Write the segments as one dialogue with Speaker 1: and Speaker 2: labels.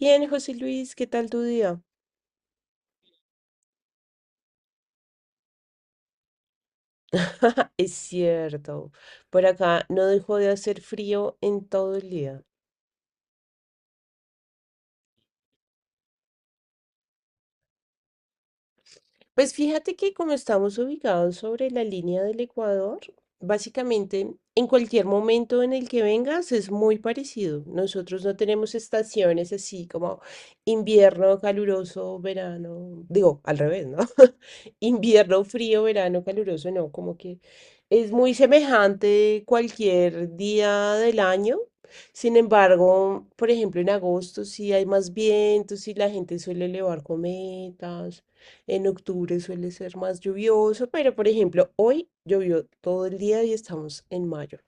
Speaker 1: Bien, José Luis, ¿qué tal tu día? Es cierto, por acá no dejó de hacer frío en todo el día. Pues fíjate que como estamos ubicados sobre la línea del Ecuador, básicamente en cualquier momento en el que vengas es muy parecido. Nosotros no tenemos estaciones así como invierno caluroso, verano, digo, al revés, ¿no? Invierno frío, verano caluroso, no, como que es muy semejante cualquier día del año. Sin embargo, por ejemplo, en agosto sí hay más vientos y la gente suele elevar cometas. En octubre suele ser más lluvioso, pero por ejemplo, hoy llovió todo el día y estamos en mayo.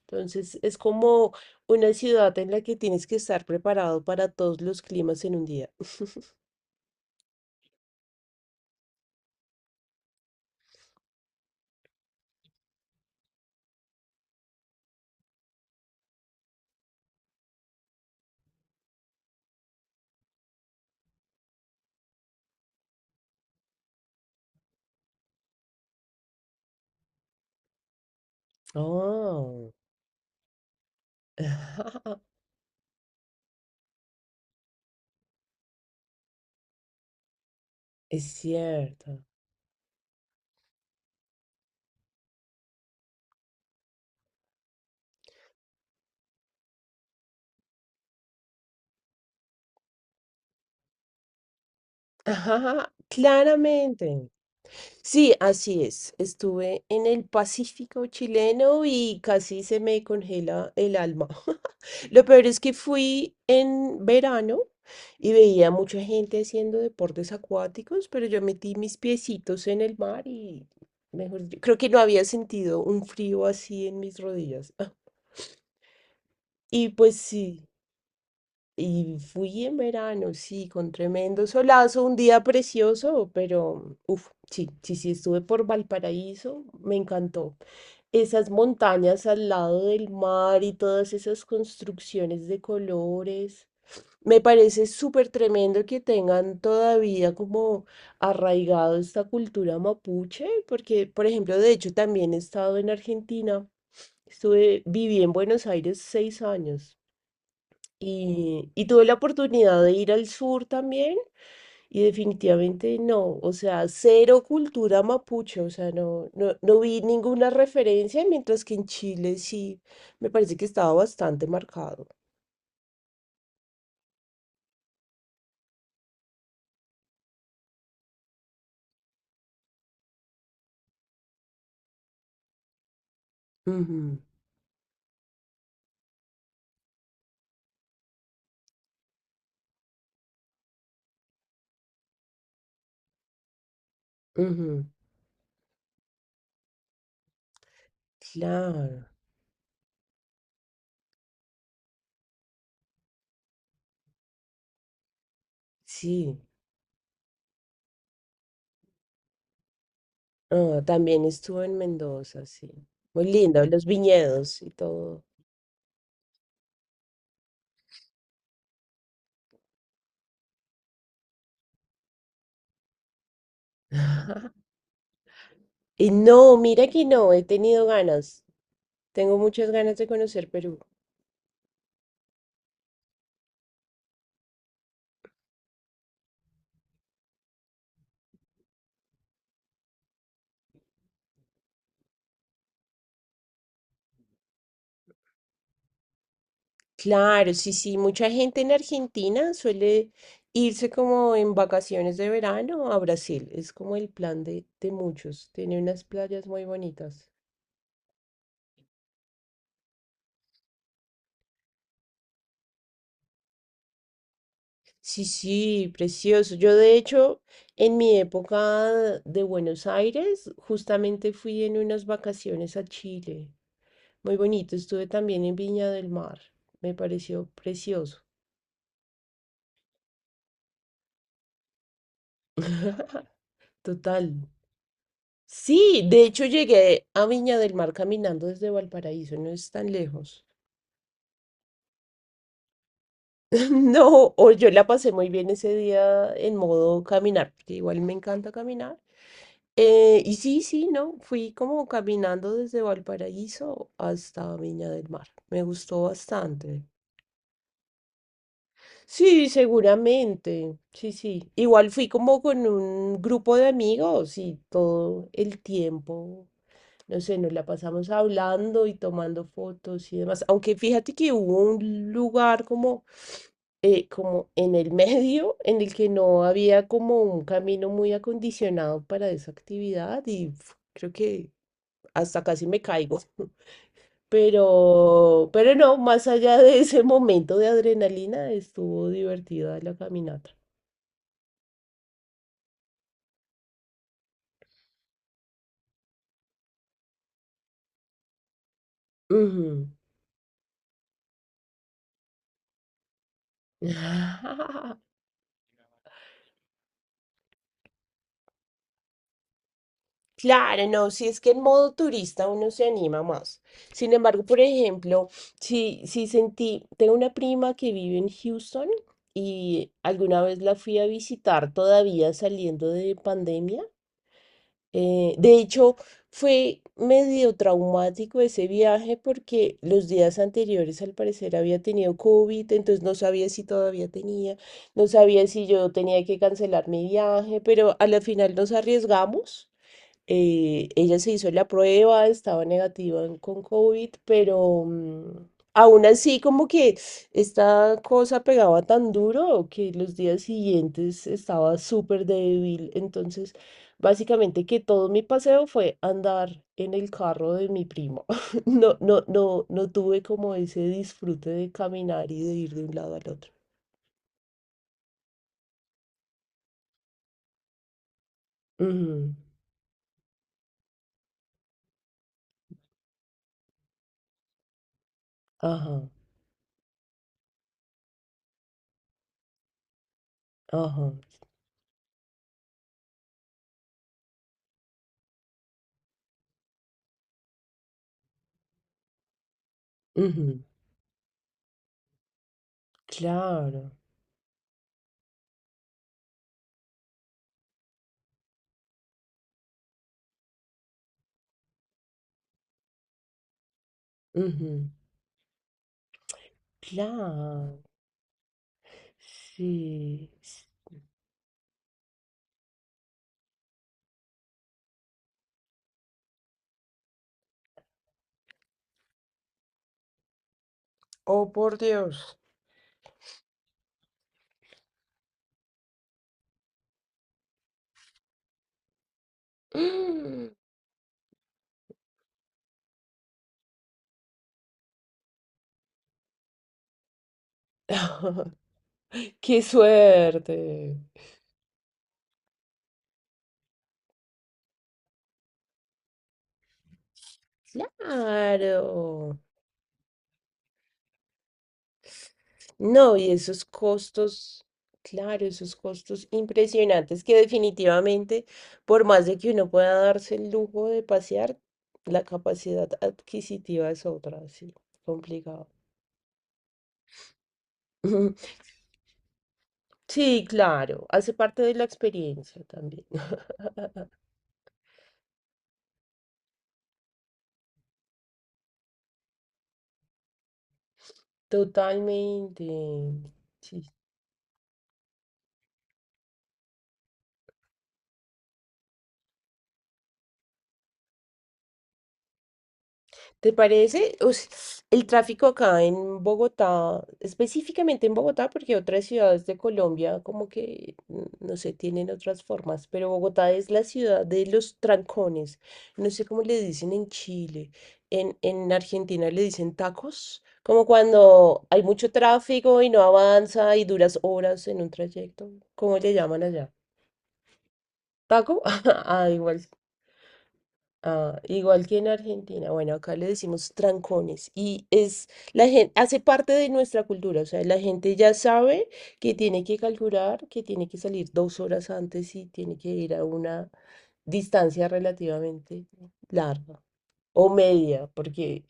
Speaker 1: Entonces es como una ciudad en la que tienes que estar preparado para todos los climas en un día. Oh. Es cierto. Ajá, claramente. Sí, así es. Estuve en el Pacífico chileno y casi se me congela el alma. Lo peor es que fui en verano y veía mucha gente haciendo deportes acuáticos, pero yo metí mis piecitos en el mar y, mejor dicho, creo que no había sentido un frío así en mis rodillas. Y pues sí. Y fui en verano, sí, con tremendo solazo, un día precioso, pero uff, sí, sí, sí, estuve por Valparaíso, me encantó. Esas montañas al lado del mar y todas esas construcciones de colores. Me parece súper tremendo que tengan todavía como arraigado esta cultura mapuche, porque, por ejemplo, de hecho también he estado en Argentina. Estuve, viví en Buenos Aires 6 años. Y tuve la oportunidad de ir al sur también y definitivamente no, o sea, cero cultura mapuche, o sea, no, no, no vi ninguna referencia, mientras que en Chile sí me parece que estaba bastante marcado. Ujú, ujú, claro, sí. Ah, también estuve en Mendoza, sí. Muy lindo, los viñedos y todo. Y no, mira que no, he tenido ganas, tengo muchas ganas de conocer Perú. Claro, sí, sí, mucha gente en Argentina suele irse como en vacaciones de verano a Brasil. Es como el plan de muchos. Tiene unas playas muy bonitas. Sí, sí, precioso. Yo de hecho, en mi época de Buenos Aires, justamente fui en unas vacaciones a Chile. Muy bonito. Estuve también en Viña del Mar. Me pareció precioso. Total. Sí, de hecho llegué a Viña del Mar caminando desde Valparaíso, no es tan lejos. No, o yo la pasé muy bien ese día en modo caminar, porque igual me encanta caminar. Y sí, sí, no, fui como caminando desde Valparaíso hasta Viña del Mar. Me gustó bastante. Sí, seguramente. Sí, sí. Igual fui como con un grupo de amigos y todo el tiempo no sé, nos la pasamos hablando y tomando fotos y demás. Aunque fíjate que hubo un lugar como, como en el medio en el que no había como un camino muy acondicionado para esa actividad y pf, creo que hasta casi me caigo. Pero no, más allá de ese momento de adrenalina, estuvo divertida la caminata. Ujú. Claro, no, si es que en modo turista uno se anima más. Sin embargo, por ejemplo, si, si sentí, tengo una prima que vive en Houston y alguna vez la fui a visitar todavía saliendo de pandemia. De hecho, fue medio traumático ese viaje porque los días anteriores al parecer había tenido COVID, entonces no sabía si todavía tenía, no sabía si yo tenía que cancelar mi viaje, pero a la final nos arriesgamos ella se hizo la prueba, estaba negativa con COVID, pero aún así como que esta cosa pegaba tan duro que los días siguientes estaba súper débil. Entonces, básicamente que todo mi paseo fue andar en el carro de mi primo. No, no, no, no tuve como ese disfrute de caminar y de ir de un lado al otro. Ujú, ajá, ajá, ujú, claro, ujú, claro. Sí. Oh, por Dios. Mm. ¡Qué suerte! Claro. No, y esos costos, claro, esos costos impresionantes que definitivamente, por más de que uno pueda darse el lujo de pasear, la capacidad adquisitiva es otra, sí, complicado. Sí, claro, hace parte de la experiencia también. Totalmente. Sí, ¿te parece? El tráfico acá en Bogotá, específicamente en Bogotá, porque otras ciudades de Colombia como que, mm, no sé, tienen otras formas, pero Bogotá es la ciudad de los trancones. No sé cómo le dicen en Chile. En Argentina le dicen tacos, como cuando hay mucho tráfico y no avanza y duras horas en un trayecto. ¿Cómo le llaman allá? ¿Taco? Ah, igual. Ah, igual que en Argentina, bueno, acá le decimos trancones y es la gente hace parte de nuestra cultura, o sea, la gente ya sabe que tiene que calcular, que tiene que salir 2 horas antes y tiene que ir a una distancia relativamente larga o media, porque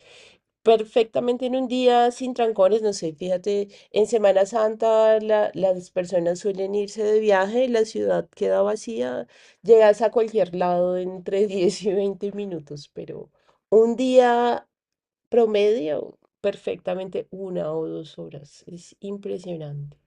Speaker 1: perfectamente en un día sin trancones, no sé, fíjate, en Semana Santa las personas suelen irse de viaje, la ciudad queda vacía, llegas a cualquier lado entre 10 y 20 minutos, pero un día promedio, perfectamente 1 o 2 horas, es impresionante.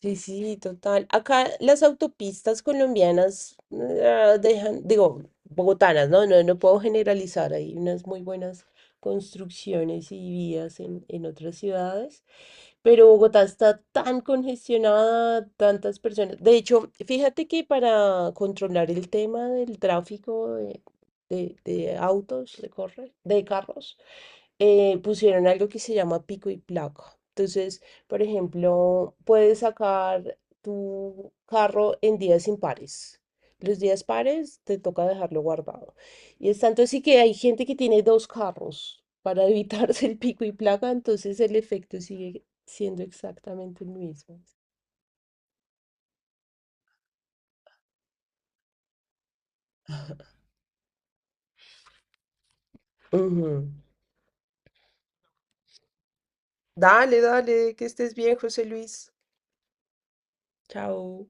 Speaker 1: Sí, sí, total. Acá las autopistas colombianas ah, dejan, digo, bogotanas, ¿no? No, no puedo generalizar. Hay unas muy buenas construcciones y vías en otras ciudades, pero Bogotá está tan congestionada, tantas personas. De hecho, fíjate que para controlar el tema del tráfico de autos, de carros, pusieron algo que se llama pico y placa. Entonces, por ejemplo, puedes sacar tu carro en días impares. Los días pares te toca dejarlo guardado. Y es tanto así que hay gente que tiene dos carros para evitarse el pico y placa, entonces el efecto sigue siendo exactamente el mismo. Ujú. Dale, dale, que estés bien, José Luis. Chao.